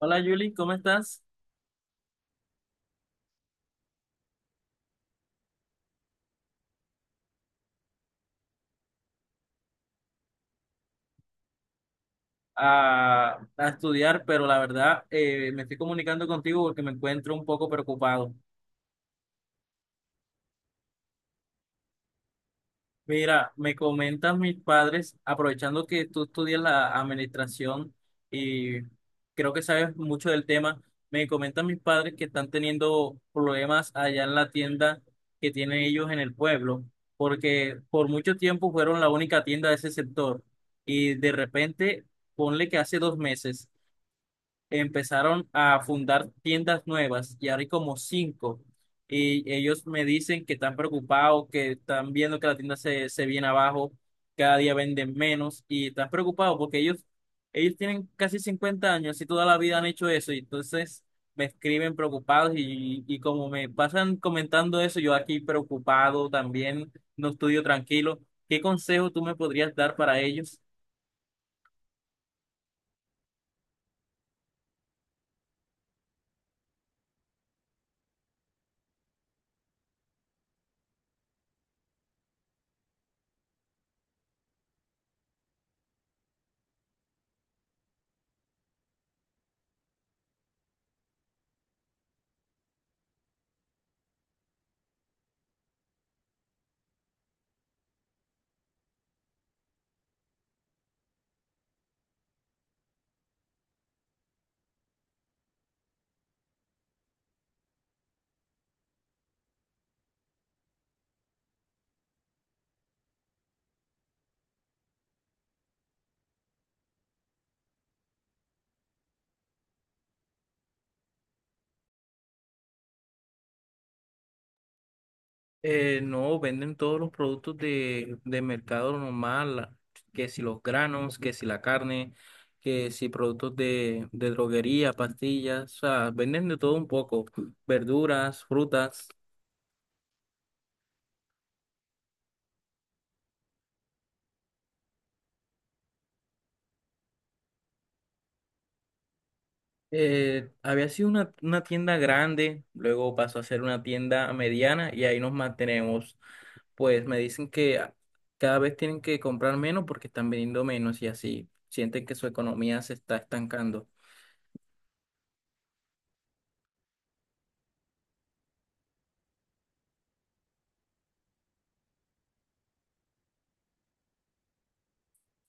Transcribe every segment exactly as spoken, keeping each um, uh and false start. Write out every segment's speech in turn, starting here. Hola Julie, ¿cómo estás? A, a estudiar, pero la verdad eh, me estoy comunicando contigo porque me encuentro un poco preocupado. Mira, me comentan mis padres, aprovechando que tú estudias la administración y creo que sabes mucho del tema, me comentan mis padres que están teniendo problemas allá en la tienda que tienen ellos en el pueblo, porque por mucho tiempo fueron la única tienda de ese sector y de repente, ponle que hace dos meses empezaron a fundar tiendas nuevas y ahora hay como cinco. Y ellos me dicen que están preocupados, que están viendo que la tienda se, se viene abajo, cada día venden menos y están preocupados porque ellos, ellos tienen casi cincuenta años y toda la vida han hecho eso. Y entonces me escriben preocupados y, y como me pasan comentando eso, yo aquí preocupado también, no estudio tranquilo. ¿Qué consejo tú me podrías dar para ellos? Eh, no, venden todos los productos de, de mercado normal, la- que si los granos, que si la carne, que si productos de, de droguería, pastillas, o sea, venden de todo un poco, verduras, frutas. Eh, había sido una, una tienda grande, luego pasó a ser una tienda mediana y ahí nos mantenemos. Pues me dicen que a- cada vez tienen que comprar menos porque están vendiendo menos y así sienten que su economía se está estancando.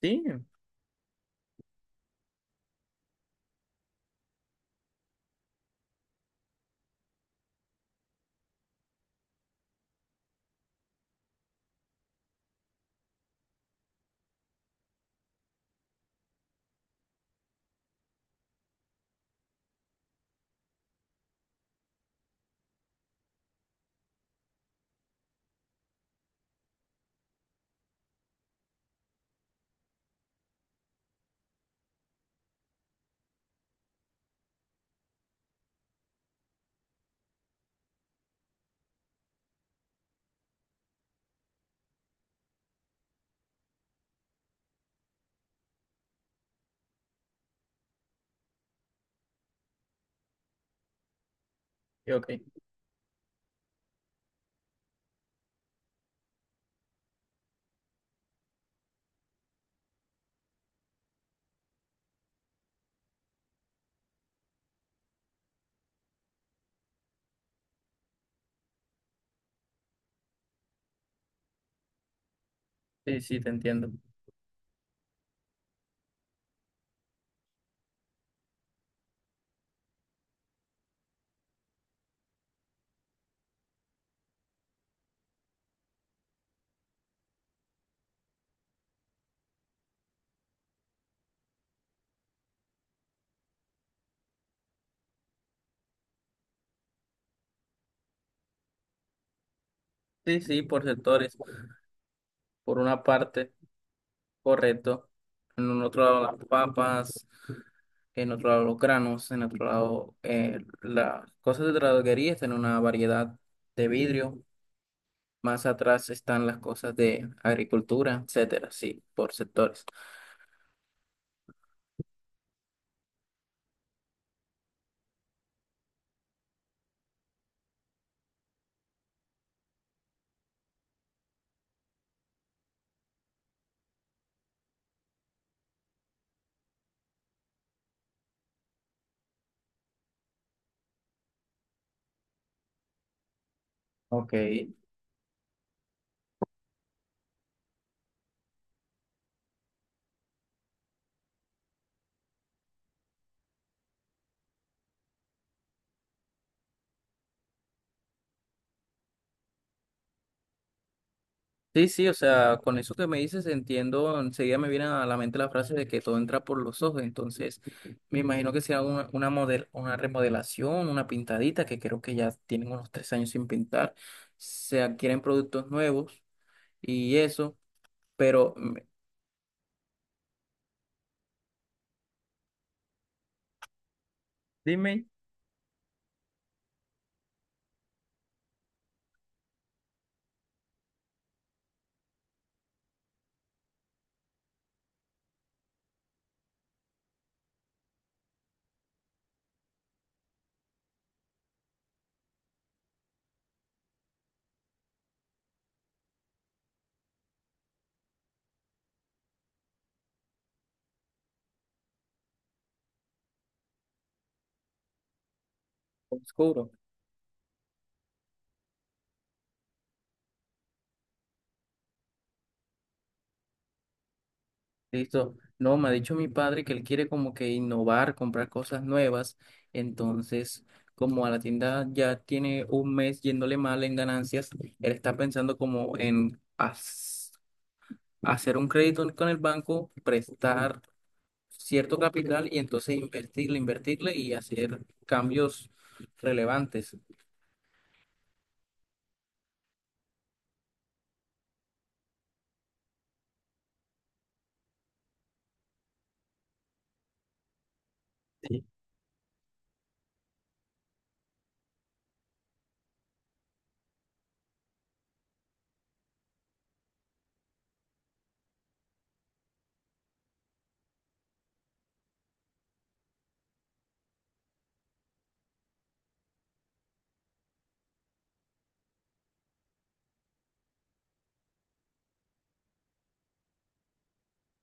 Sí, y ok, sí, sí, te entiendo. Sí, sí, por sectores. Por una parte, correcto. En un otro lado las papas, en otro lado los granos, en otro lado eh, las cosas de droguería en una variedad de vidrio. Más atrás están las cosas de agricultura, etcétera. Sí, por sectores. Ok. Sí, sí, o sea, con eso que me dices entiendo, enseguida me viene a la mente la frase de que todo entra por los ojos, entonces me imagino que será una, una, model, una remodelación, una pintadita, que creo que ya tienen unos tres años sin pintar, se adquieren productos nuevos y eso, pero mm, dime, oscuro. Listo. No, me ha dicho mi padre que él quiere como que innovar, comprar cosas nuevas. Entonces, como a la tienda ya tiene un mes yéndole mal en ganancias, él está pensando como en has- hacer un crédito con el banco, prestar cierto capital y entonces invertirle, invertirle y hacer cambios relevantes. Sí.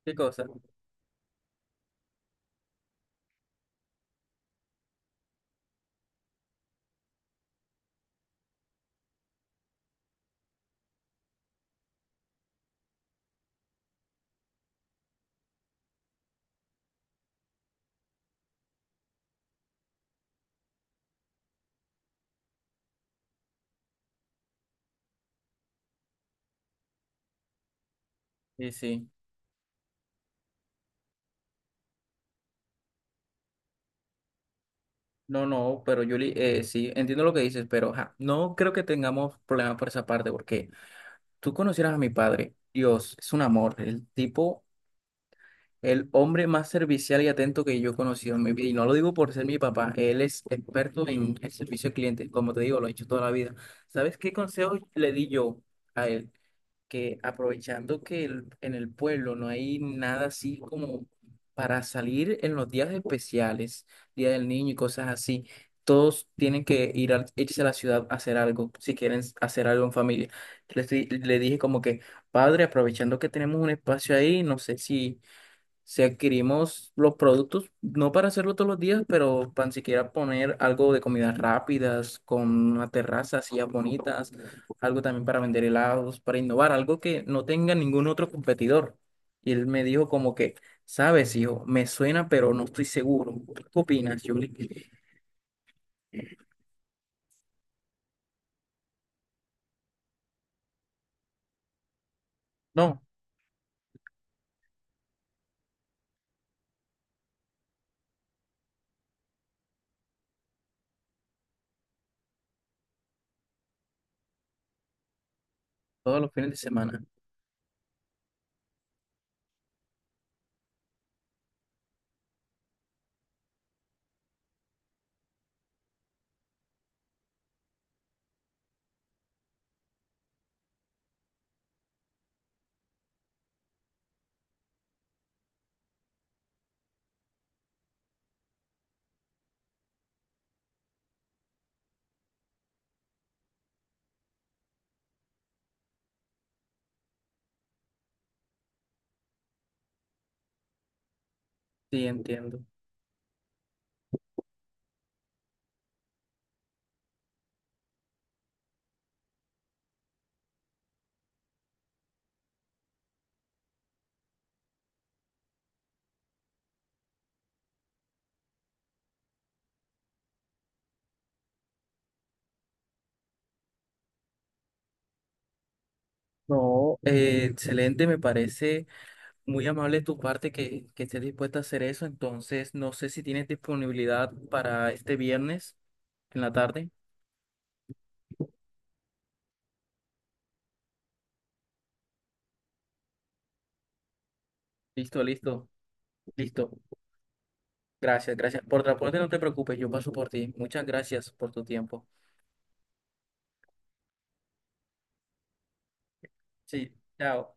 ¿Qué cosa? Sí, sí. No, no, pero Yuli, eh, sí, entiendo lo que dices, pero ajá, no creo que tengamos problemas por esa parte, porque tú conocieras a mi padre. Dios, es un amor. El tipo, el hombre más servicial y atento que yo he conocido en mi vida. Y no lo digo por ser mi papá. Él es experto en el servicio al cliente. Como te digo, lo he hecho toda la vida. ¿Sabes qué consejo le di yo a él? Que aprovechando que el- en el pueblo no hay nada así como para salir en los días especiales, Día del Niño y cosas así, todos tienen que ir a, irse a la ciudad a hacer algo, si quieren hacer algo en familia. Le, estoy- le dije como que, padre, aprovechando que tenemos un espacio ahí, no sé si si adquirimos los productos, no para hacerlo todos los días, pero para siquiera poner algo de comidas rápidas, con una terraza, sillas bonitas, algo también para vender helados, para innovar, algo que no tenga ningún otro competidor. Y él me dijo como que, sabes, hijo, me suena, pero no estoy seguro. ¿Qué opinas? Yo no, todos los fines de semana. Sí, entiendo. No, eh, excelente, me parece. Muy amable de tu parte que, que estés dispuesta a hacer eso. Entonces, no sé si tienes disponibilidad para este viernes en la tarde. Listo, listo, listo. Gracias, gracias. Por transporte no te preocupes, yo paso por ti. Muchas gracias por tu tiempo. Sí, chao.